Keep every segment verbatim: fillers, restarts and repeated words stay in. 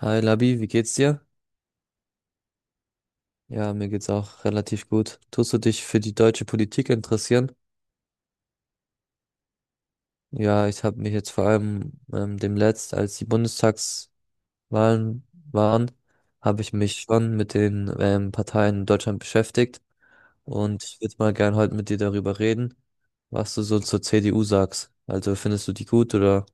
Hi Labi, wie geht's dir? Ja, mir geht's auch relativ gut. Tust du dich für die deutsche Politik interessieren? Ja, ich habe mich jetzt vor allem ähm, demnächst, als die Bundestagswahlen waren, habe ich mich schon mit den ähm, Parteien in Deutschland beschäftigt und ich würde mal gern heute mit dir darüber reden, was du so zur C D U sagst. Also findest du die gut oder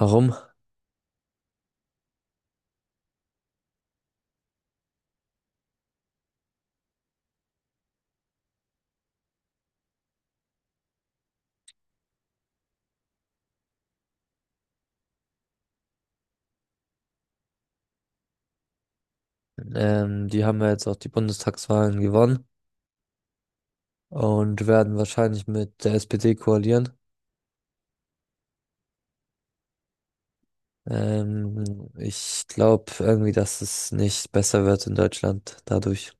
warum? Ähm, die haben ja jetzt auch die Bundestagswahlen gewonnen und werden wahrscheinlich mit der S P D koalieren. Ähm, ich glaube irgendwie, dass es nicht besser wird in Deutschland dadurch.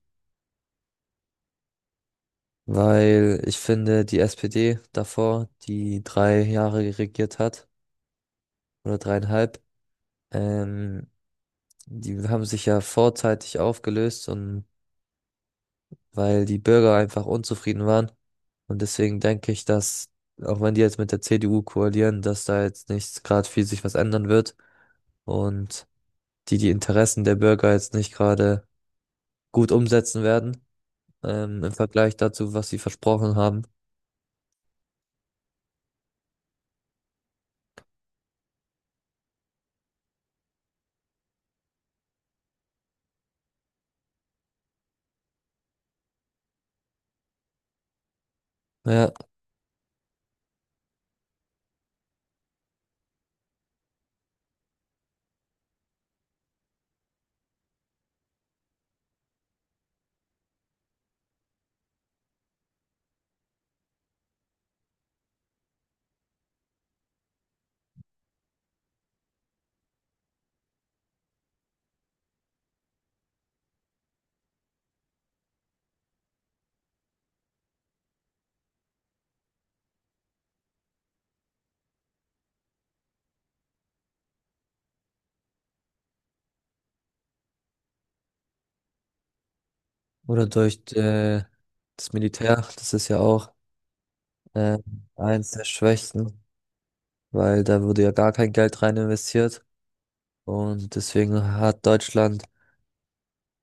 Weil ich finde, die S P D davor, die drei Jahre regiert hat, oder dreieinhalb, ähm, die haben sich ja vorzeitig aufgelöst und weil die Bürger einfach unzufrieden waren. Und deswegen denke ich, dass, auch wenn die jetzt mit der C D U koalieren, dass da jetzt nicht gerade viel sich was ändern wird und die die Interessen der Bürger jetzt nicht gerade gut umsetzen werden. Ähm, im Vergleich dazu, was sie versprochen haben. Ja, oder durch äh, das Militär, das ist ja auch äh, eins der Schwächsten, weil da wurde ja gar kein Geld rein investiert und deswegen hat Deutschland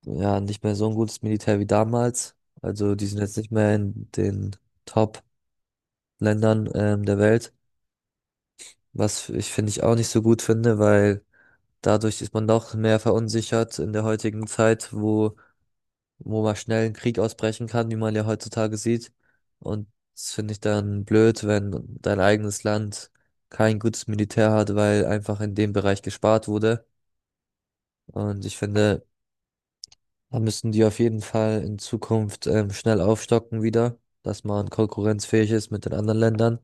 ja nicht mehr so ein gutes Militär wie damals. Also die sind jetzt nicht mehr in den Top-Ländern ähm, der Welt, was ich finde ich auch nicht so gut finde, weil dadurch ist man doch mehr verunsichert in der heutigen Zeit, wo wo mal schnell ein Krieg ausbrechen kann, wie man ja heutzutage sieht. Und das finde ich dann blöd, wenn dein eigenes Land kein gutes Militär hat, weil einfach in dem Bereich gespart wurde. Und ich finde, da müssen die auf jeden Fall in Zukunft ähm, schnell aufstocken wieder, dass man konkurrenzfähig ist mit den anderen Ländern.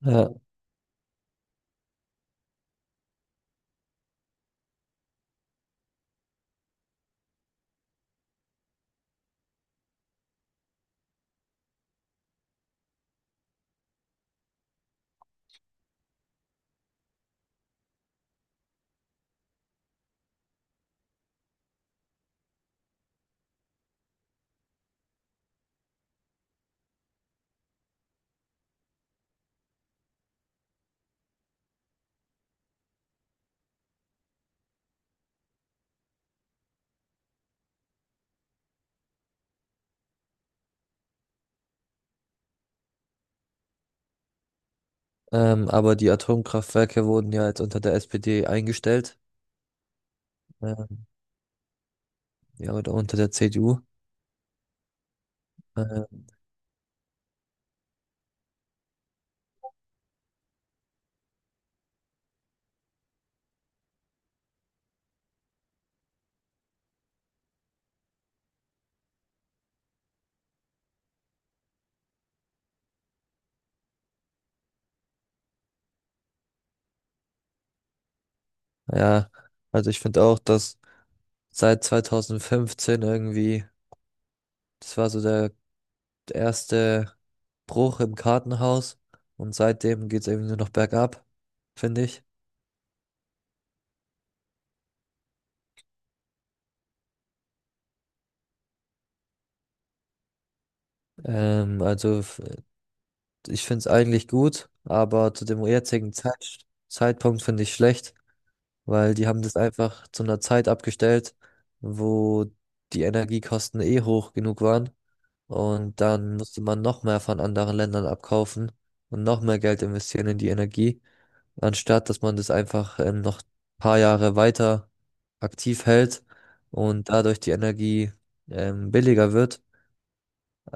Ja, ähm, aber die Atomkraftwerke wurden ja jetzt unter der S P D eingestellt, äh, ja, oder unter der C D U. Äh, ja, also ich finde auch, dass seit zwanzig fünfzehn irgendwie. Das war so der erste Bruch im Kartenhaus und seitdem geht es irgendwie nur noch bergab, finde ich. Ähm, also f- ich finde es eigentlich gut, aber zu dem jetzigen Zeit Zeitpunkt finde ich schlecht, weil die haben das einfach zu einer Zeit abgestellt, wo die Energiekosten eh hoch genug waren und dann musste man noch mehr von anderen Ländern abkaufen und noch mehr Geld investieren in die Energie, anstatt dass man das einfach ähm, noch ein paar Jahre weiter aktiv hält und dadurch die Energie ähm, billiger wird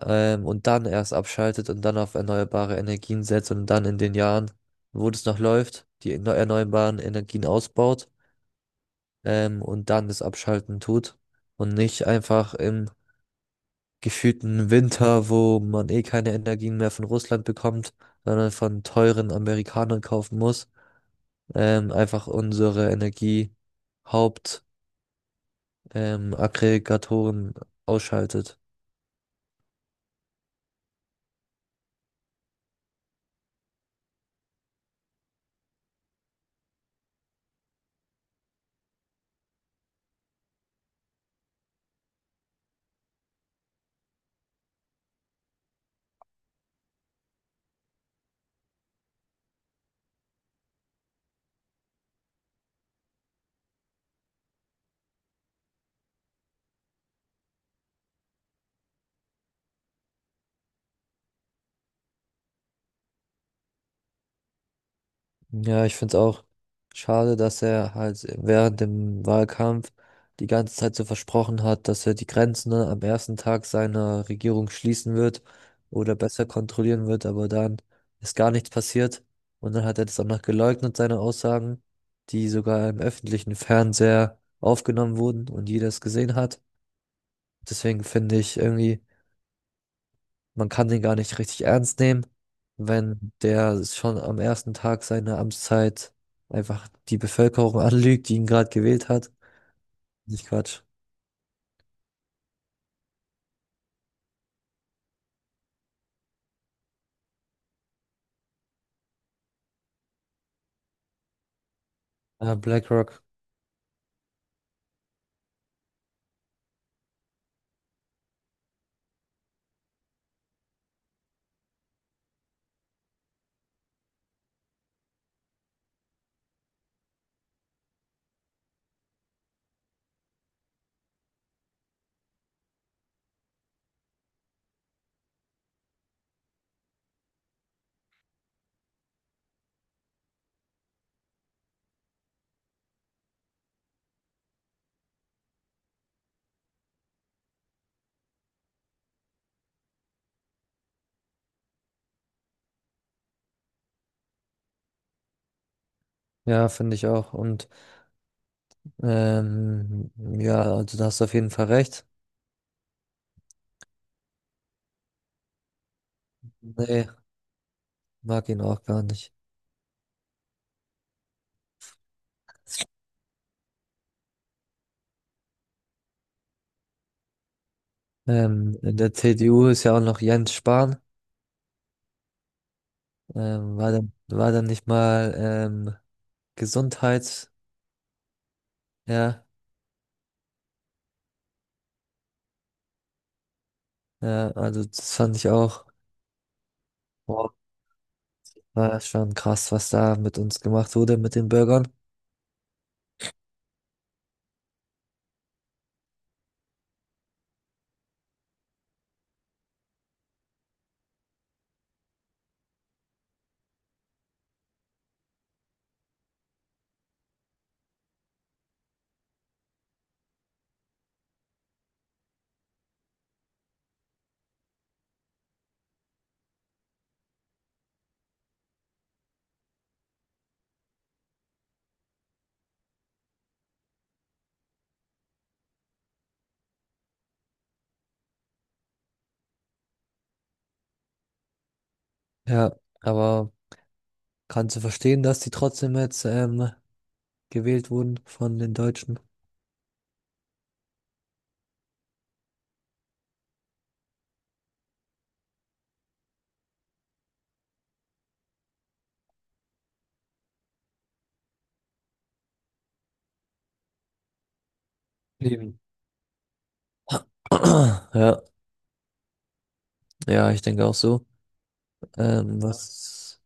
ähm, und dann erst abschaltet und dann auf erneuerbare Energien setzt und dann in den Jahren, wo das noch läuft, die erneu- erneuerbaren Energien ausbaut ähm, und dann das Abschalten tut und nicht einfach im gefühlten Winter, wo man eh keine Energien mehr von Russland bekommt, sondern von teuren Amerikanern kaufen muss. Ähm, einfach unsere Energie Haupt, ähm, Aggregatoren ausschaltet. Ja, ich finde es auch schade, dass er halt während dem Wahlkampf die ganze Zeit so versprochen hat, dass er die Grenzen, ne, am ersten Tag seiner Regierung schließen wird oder besser kontrollieren wird, aber dann ist gar nichts passiert. Und dann hat er das auch noch geleugnet, seine Aussagen, die sogar im öffentlichen Fernseher aufgenommen wurden und jeder es gesehen hat. Deswegen finde ich irgendwie, man kann den gar nicht richtig ernst nehmen, wenn der schon am ersten Tag seiner Amtszeit einfach die Bevölkerung anlügt, die ihn gerade gewählt hat. Nicht Quatsch. Ja, BlackRock, ja, finde ich auch. Und ähm, ja, also da hast du auf jeden Fall recht. Nee, mag ihn auch gar nicht. Ähm, in der C D U ist ja auch noch Jens Spahn. Ähm, war dann, war dann nicht mal ähm, Gesundheits, ja, ja, also das fand ich auch. War schon krass, was da mit uns gemacht wurde, mit den Bürgern. Ja, aber kannst du verstehen, dass die trotzdem jetzt ähm, gewählt wurden von den Deutschen? Ja, ja, ich denke auch so. Ähm, was,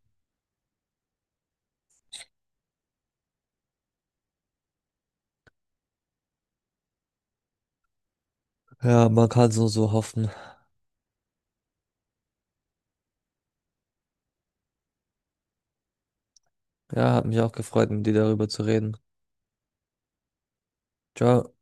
ja, man kann so so hoffen. Ja, hat mich auch gefreut, mit dir darüber zu reden. Ciao.